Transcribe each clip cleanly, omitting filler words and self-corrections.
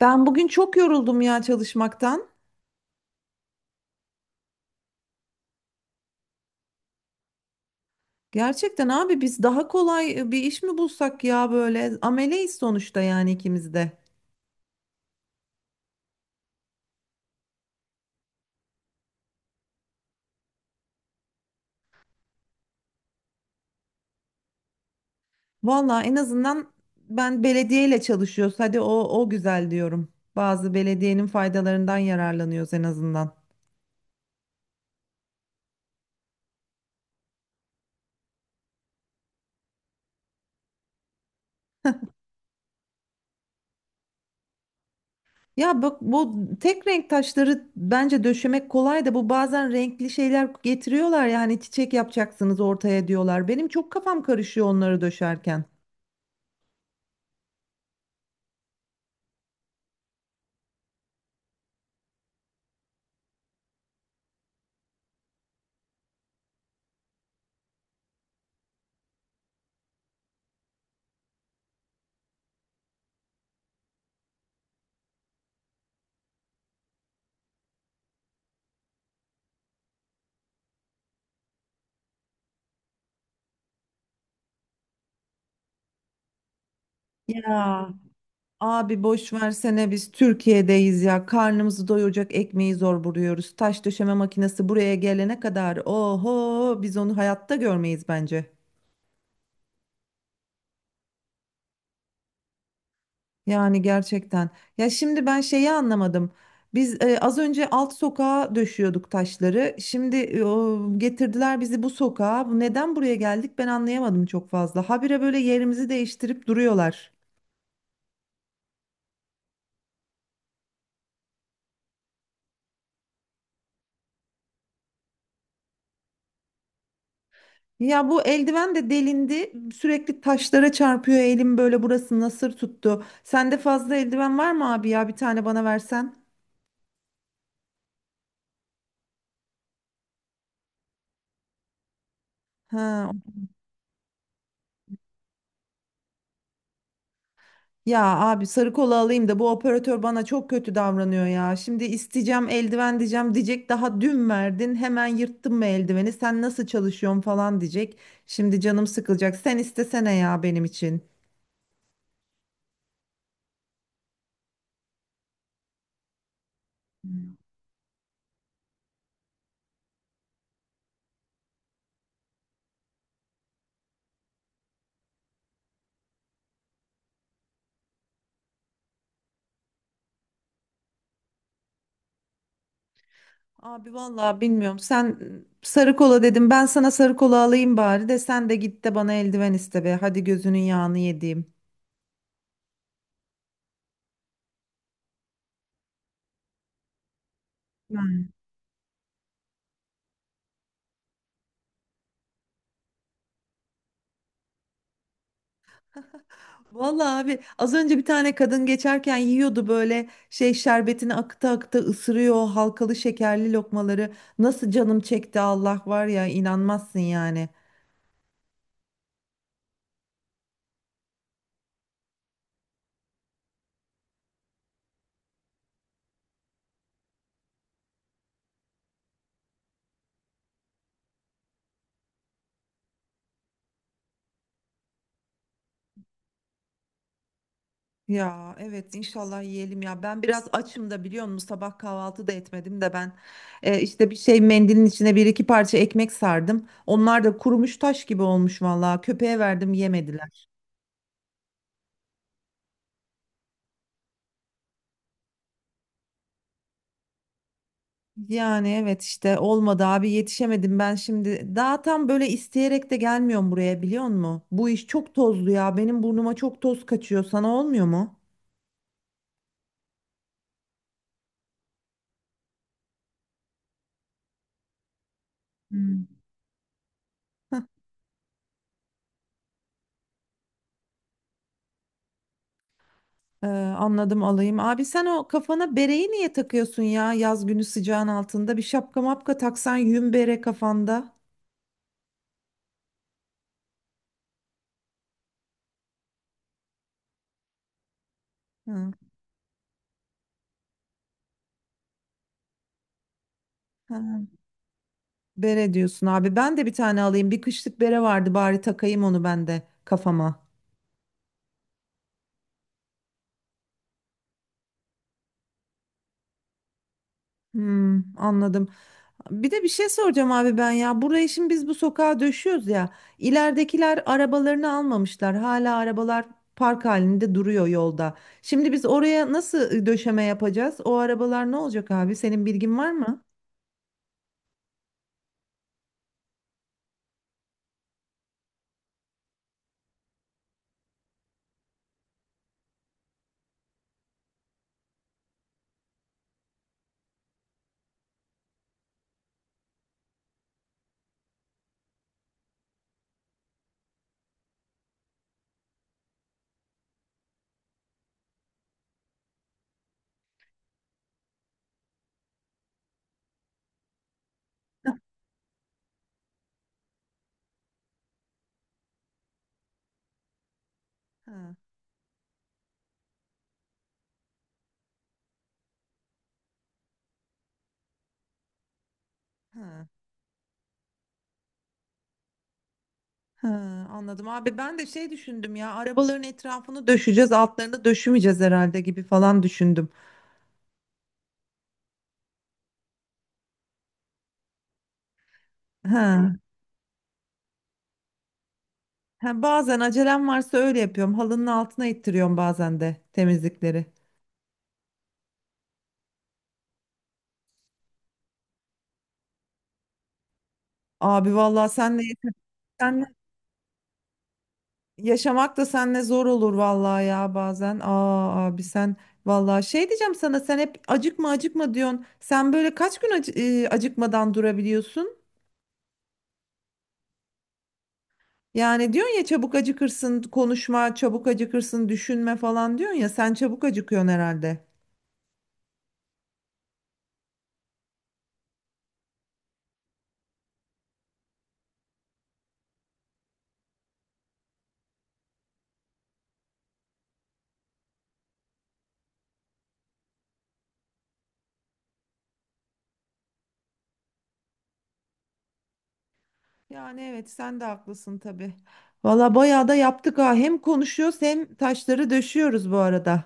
Ben bugün çok yoruldum ya çalışmaktan. Gerçekten abi biz daha kolay bir iş mi bulsak ya böyle ameleyiz sonuçta yani ikimiz de. Valla en azından ben belediyeyle çalışıyoruz. Hadi o güzel diyorum. Bazı belediyenin faydalarından yararlanıyoruz en azından. Ya bak bu tek renk taşları bence döşemek kolay da bu bazen renkli şeyler getiriyorlar yani çiçek yapacaksınız ortaya diyorlar. Benim çok kafam karışıyor onları döşerken. Ya abi boş versene biz Türkiye'deyiz ya. Karnımızı doyuracak ekmeği zor buluyoruz. Taş döşeme makinesi buraya gelene kadar oho biz onu hayatta görmeyiz bence. Yani gerçekten. Ya şimdi ben şeyi anlamadım. Biz az önce alt sokağa döşüyorduk taşları. Şimdi getirdiler bizi bu sokağa. Bu neden buraya geldik ben anlayamadım çok fazla. Habire böyle yerimizi değiştirip duruyorlar. Ya bu eldiven de delindi. Sürekli taşlara çarpıyor elim böyle burası nasır tuttu. Sende fazla eldiven var mı abi ya bir tane bana versen. Ha. Ya abi sarı kola alayım da bu operatör bana çok kötü davranıyor ya. Şimdi isteyeceğim eldiven diyeceğim diyecek daha dün verdin hemen yırttın mı eldiveni sen nasıl çalışıyorsun falan diyecek. Şimdi canım sıkılacak sen istesene ya benim için. Abi vallahi bilmiyorum. Sen sarı kola dedim. Ben sana sarı kola alayım bari de sen de git de bana eldiven iste be. Hadi gözünün yağını yediğim. Yani. Vallahi abi az önce bir tane kadın geçerken yiyordu böyle şey şerbetini akıta akıta ısırıyor o halkalı şekerli lokmaları. Nasıl canım çekti Allah var ya inanmazsın yani. Ya evet inşallah yiyelim ya. Ben biraz açım da biliyor musun? Sabah kahvaltı da etmedim de ben işte bir şey mendilin içine bir iki parça ekmek sardım. Onlar da kurumuş taş gibi olmuş vallahi. Köpeğe verdim yemediler. Yani evet işte olmadı abi yetişemedim ben şimdi. Daha tam böyle isteyerek de gelmiyorum buraya biliyor musun? Bu iş çok tozlu ya. Benim burnuma çok toz kaçıyor. Sana olmuyor mu? Hmm. Ee, Anladım alayım. Abi sen o kafana bereyi niye takıyorsun ya yaz günü sıcağın altında? Bir şapka mapka taksan yün bere kafanda. Hı. Ha, bere diyorsun abi. Ben de bir tane alayım. Bir kışlık bere vardı bari takayım onu ben de kafama. Hmm, anladım. Bir de bir şey soracağım abi ben ya. Burayı şimdi biz bu sokağa döşüyoruz ya. İleridekiler arabalarını almamışlar. Hala arabalar park halinde duruyor yolda. Şimdi biz oraya nasıl döşeme yapacağız? O arabalar ne olacak abi? Senin bilgin var mı? Ha, ha, ha, anladım abi ben de şey düşündüm ya arabaların etrafını döşeceğiz altlarını döşümeyeceğiz herhalde gibi falan düşündüm. Ha, ha, bazen acelem varsa öyle yapıyorum halının altına ittiriyorum bazen de temizlikleri. Abi vallahi senle, yaşamak da senle zor olur vallahi ya bazen. Aa abi sen vallahi şey diyeceğim sana sen hep acıkma acıkma diyorsun. Sen böyle kaç gün acıkmadan durabiliyorsun? Yani diyorsun ya çabuk acıkırsın konuşma, çabuk acıkırsın düşünme falan diyorsun ya sen çabuk acıkıyorsun herhalde. Yani evet sen de haklısın tabii. Valla bayağı da yaptık ha. Hem konuşuyoruz hem taşları döşüyoruz bu arada.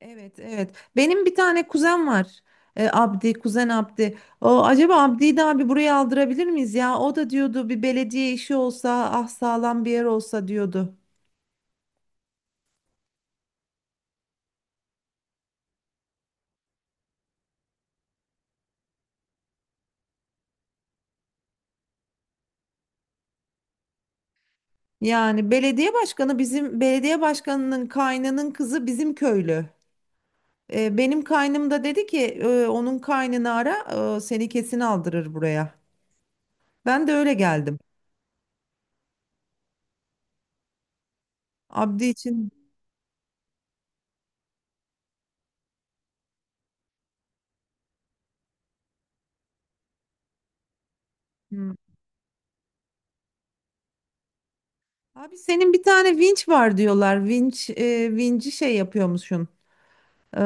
Evet evet. Benim bir tane kuzen var. Abdi, kuzen Abdi. O, acaba Abdi'yi de abi buraya aldırabilir miyiz ya? O da diyordu bir belediye işi olsa ah sağlam bir yer olsa diyordu. Yani belediye başkanı bizim belediye başkanının kaynının kızı bizim köylü. Benim kaynım da dedi ki Onun kaynını ara seni kesin aldırır buraya. Ben de öyle geldim. Abdi için. Hmm. Abi senin bir tane vinç var diyorlar. Vinç vinci şey yapıyormuşsun. E,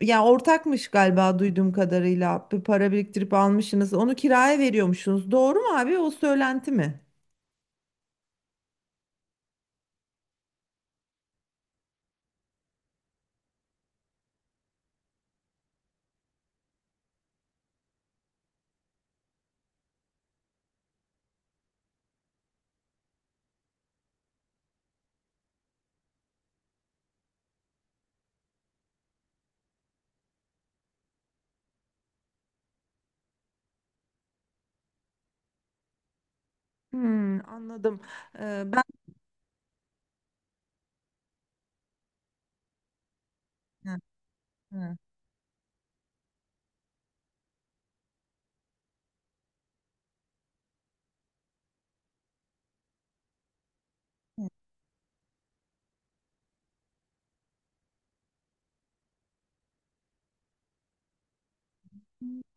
Ya ortakmış galiba duyduğum kadarıyla. Bir para biriktirip almışsınız. Onu kiraya veriyormuşsunuz. Doğru mu abi? O söylenti mi? Hmm, anladım. Ben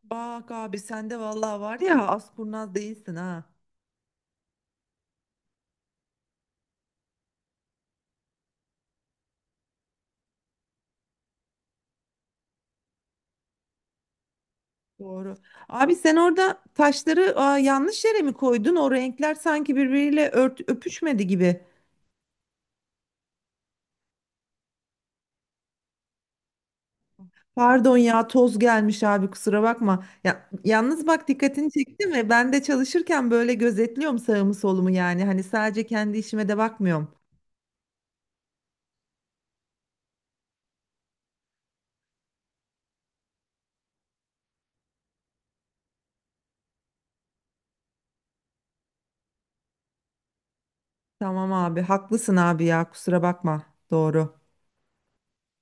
bak abi sende vallahi var ya az kurnaz değilsin ha. Doğru. Abi sen orada taşları aa, yanlış yere mi koydun? O renkler sanki birbiriyle öpüşmedi gibi. Pardon ya toz gelmiş abi kusura bakma. Ya, yalnız bak dikkatini çekti mi? Ben de çalışırken böyle gözetliyorum sağımı solumu yani. Hani sadece kendi işime de bakmıyorum. Tamam abi haklısın abi ya kusura bakma. Doğru.